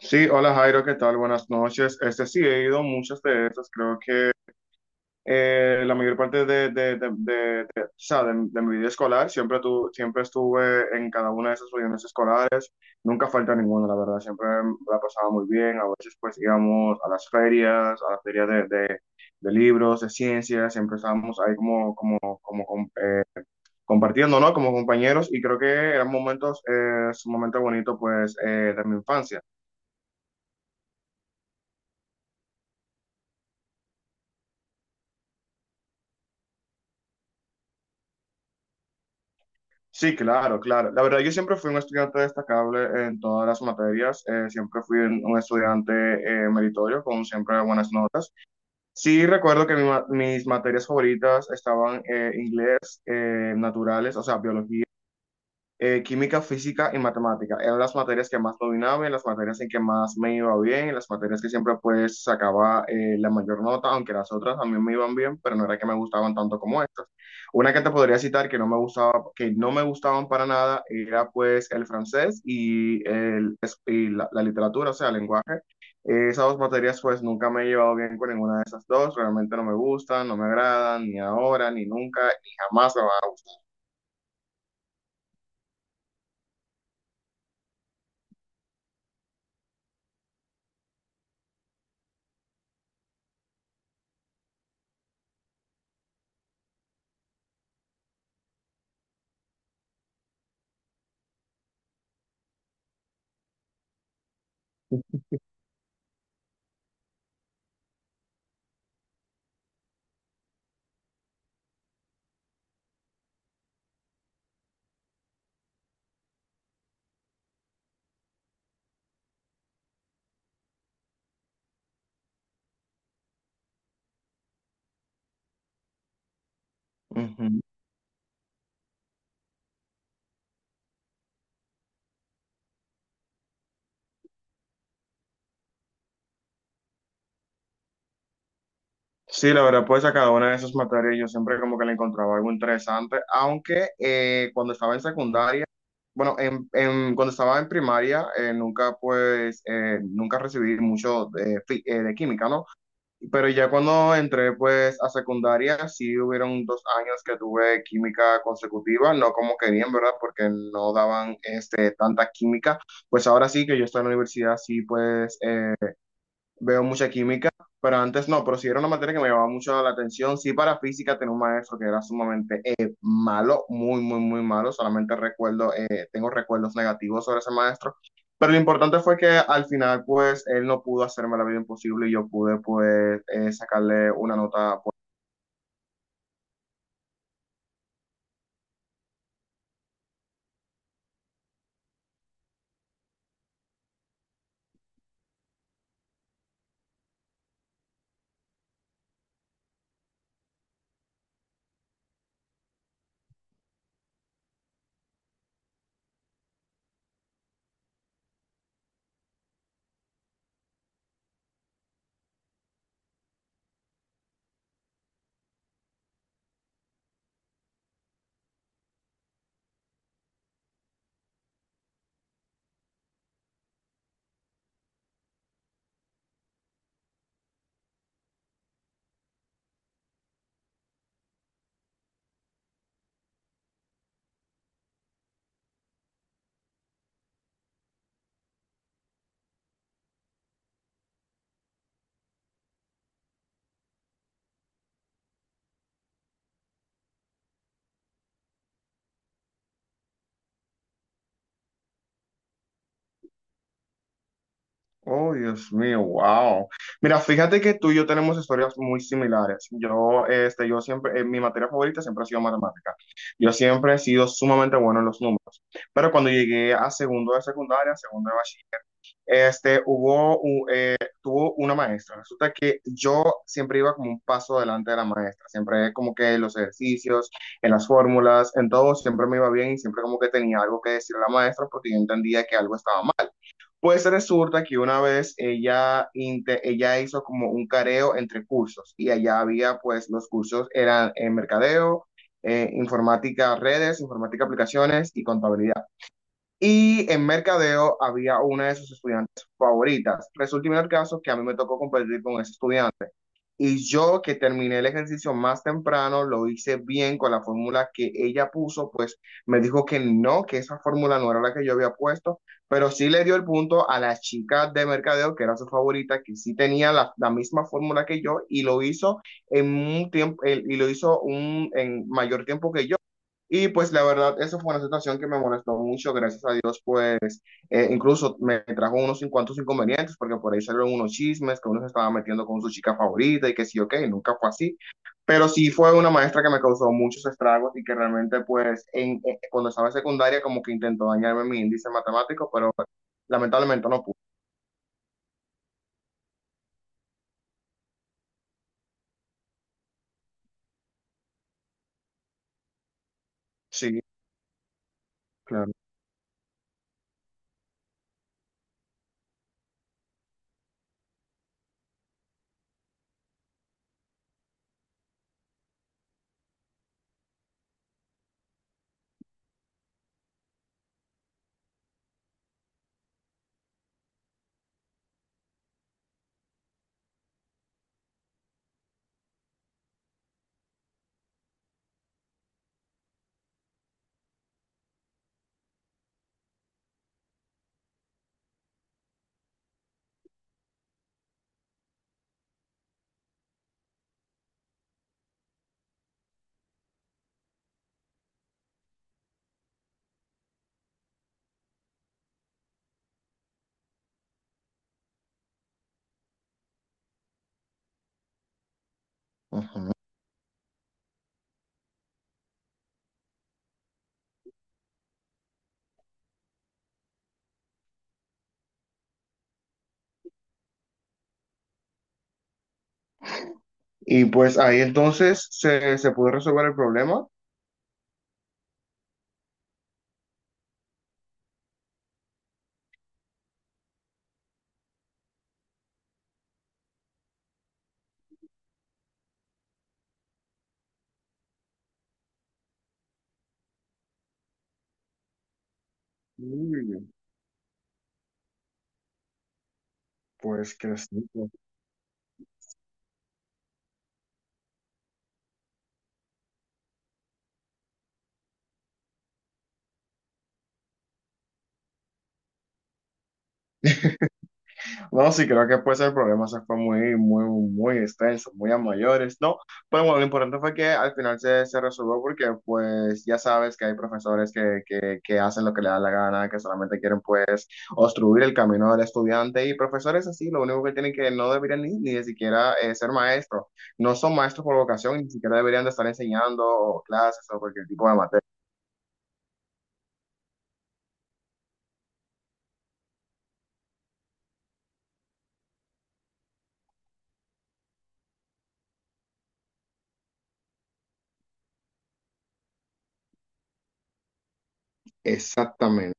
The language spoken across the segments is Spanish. Sí, hola Jairo, ¿qué tal? Buenas noches. Este sí, he ido a muchas de estas, creo que la mayor parte de- o sea, de mi vida escolar, siempre, tu, siempre estuve en cada una de esas reuniones escolares, nunca falta ninguna, la verdad, siempre la pasaba muy bien. A veces pues íbamos a las ferias de libros, de ciencias. Siempre estábamos ahí como, como, como compartiendo, ¿no? Como compañeros, y creo que eran momentos, momentos bonitos pues de mi infancia. Sí, claro, claro. La verdad, yo siempre fui un estudiante destacable en todas las materias. Siempre fui un estudiante meritorio, con siempre buenas notas. Sí, recuerdo que mis materias favoritas estaban inglés, naturales, o sea, biología, química, física y matemática. Eran las materias que más dominaba, y las materias en que más me iba bien, y las materias que siempre pues sacaba la mayor nota, aunque las otras también me iban bien, pero no era que me gustaban tanto como estas. Una que te podría citar que no me gustaba, que no me gustaban para nada era pues el francés, y el, y la literatura, o sea, el lenguaje. Esas dos materias pues nunca me he llevado bien con ninguna de esas dos. Realmente no me gustan, no me agradan, ni ahora, ni nunca, ni jamás me van a gustar. Sí, la verdad, pues a cada una de esas materias yo siempre como que le encontraba algo interesante, aunque cuando estaba en secundaria, bueno, cuando estaba en primaria, nunca pues, nunca recibí mucho de, de química, ¿no? Pero ya cuando entré pues a secundaria, sí hubieron dos años que tuve química consecutiva, no como querían, ¿verdad? Porque no daban este, tanta química. Pues ahora sí que yo estoy en la universidad, sí pues veo mucha química, pero antes no, pero sí era una materia que me llamaba mucho la atención. Sí, para física tenía un maestro que era sumamente malo, muy, muy, muy malo. Solamente recuerdo, tengo recuerdos negativos sobre ese maestro. Pero lo importante fue que al final, pues, él no pudo hacerme la vida imposible, y yo pude, pues, sacarle una nota pues. Oh, Dios mío, wow. Mira, fíjate que tú y yo tenemos historias muy similares. Yo, este, yo siempre, mi materia favorita siempre ha sido matemática. Yo siempre he sido sumamente bueno en los números. Pero cuando llegué a segundo de secundaria, segundo de bachiller, este, tuvo una maestra. Resulta que yo siempre iba como un paso adelante de la maestra. Siempre como que en los ejercicios, en las fórmulas, en todo, siempre me iba bien, y siempre como que tenía algo que decir a la maestra porque yo entendía que algo estaba mal. Pues resulta que una vez ella hizo como un careo entre cursos, y allá había pues los cursos eran en mercadeo, informática redes, informática aplicaciones y contabilidad. Y en mercadeo había una de sus estudiantes favoritas. Resulta en el caso que a mí me tocó competir con ese estudiante. Y yo que terminé el ejercicio más temprano, lo hice bien con la fórmula que ella puso, pues me dijo que no, que esa fórmula no era la que yo había puesto, pero sí le dio el punto a la chica de mercadeo, que era su favorita, que sí tenía la, la misma fórmula que yo, y lo hizo en un tiempo, y lo hizo un, en mayor tiempo que yo. Y pues la verdad, eso fue una situación que me molestó mucho. Gracias a Dios, pues incluso me trajo unos cuantos inconvenientes, porque por ahí salieron unos chismes que uno se estaba metiendo con su chica favorita, y que sí, ok, nunca fue así. Pero sí fue una maestra que me causó muchos estragos y que realmente pues en, cuando estaba en secundaria como que intentó dañarme mi índice matemático, pero lamentablemente no pudo. Sí, claro. Ajá. Y pues ahí entonces se pudo resolver el problema. Uy, pues que sí. No, sí, creo que pues el problema se fue muy, muy, muy extenso, muy a mayores, ¿no? Pero bueno, lo importante fue que al final se resolvió, porque pues ya sabes que hay profesores que hacen lo que le da la gana, que solamente quieren pues obstruir el camino del estudiante, y profesores así, lo único que tienen que no deberían ni, ni de siquiera ser maestros. No son maestros por vocación, ni siquiera deberían de estar enseñando o clases o cualquier tipo de materia. Exactamente.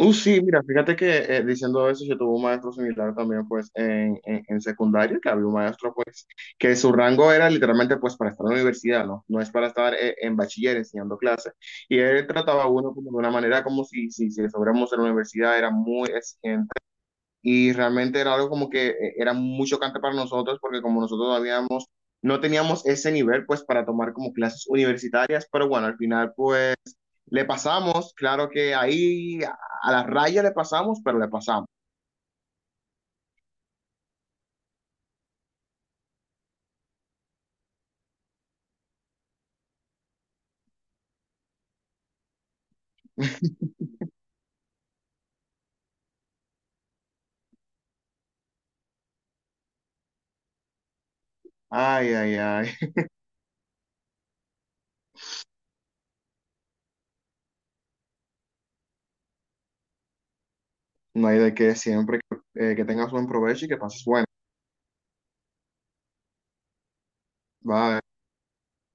Sí, mira, fíjate que diciendo eso, yo tuve un maestro similar también, pues, en secundaria, que había un maestro, pues, que su rango era literalmente, pues, para estar en la universidad, ¿no? No es para estar en bachiller enseñando clases. Y él trataba a uno como de una manera como si, si, si estuviéramos en la universidad, era muy exigente. Y realmente era algo como que era muy chocante para nosotros, porque como nosotros habíamos, no teníamos ese nivel, pues, para tomar como clases universitarias, pero bueno, al final, pues, le pasamos, claro que ahí a la raya le pasamos, pero le pasamos. Ay, ay, ay. No hay de qué, siempre. Que que tengas buen provecho y que pases bueno. Bye.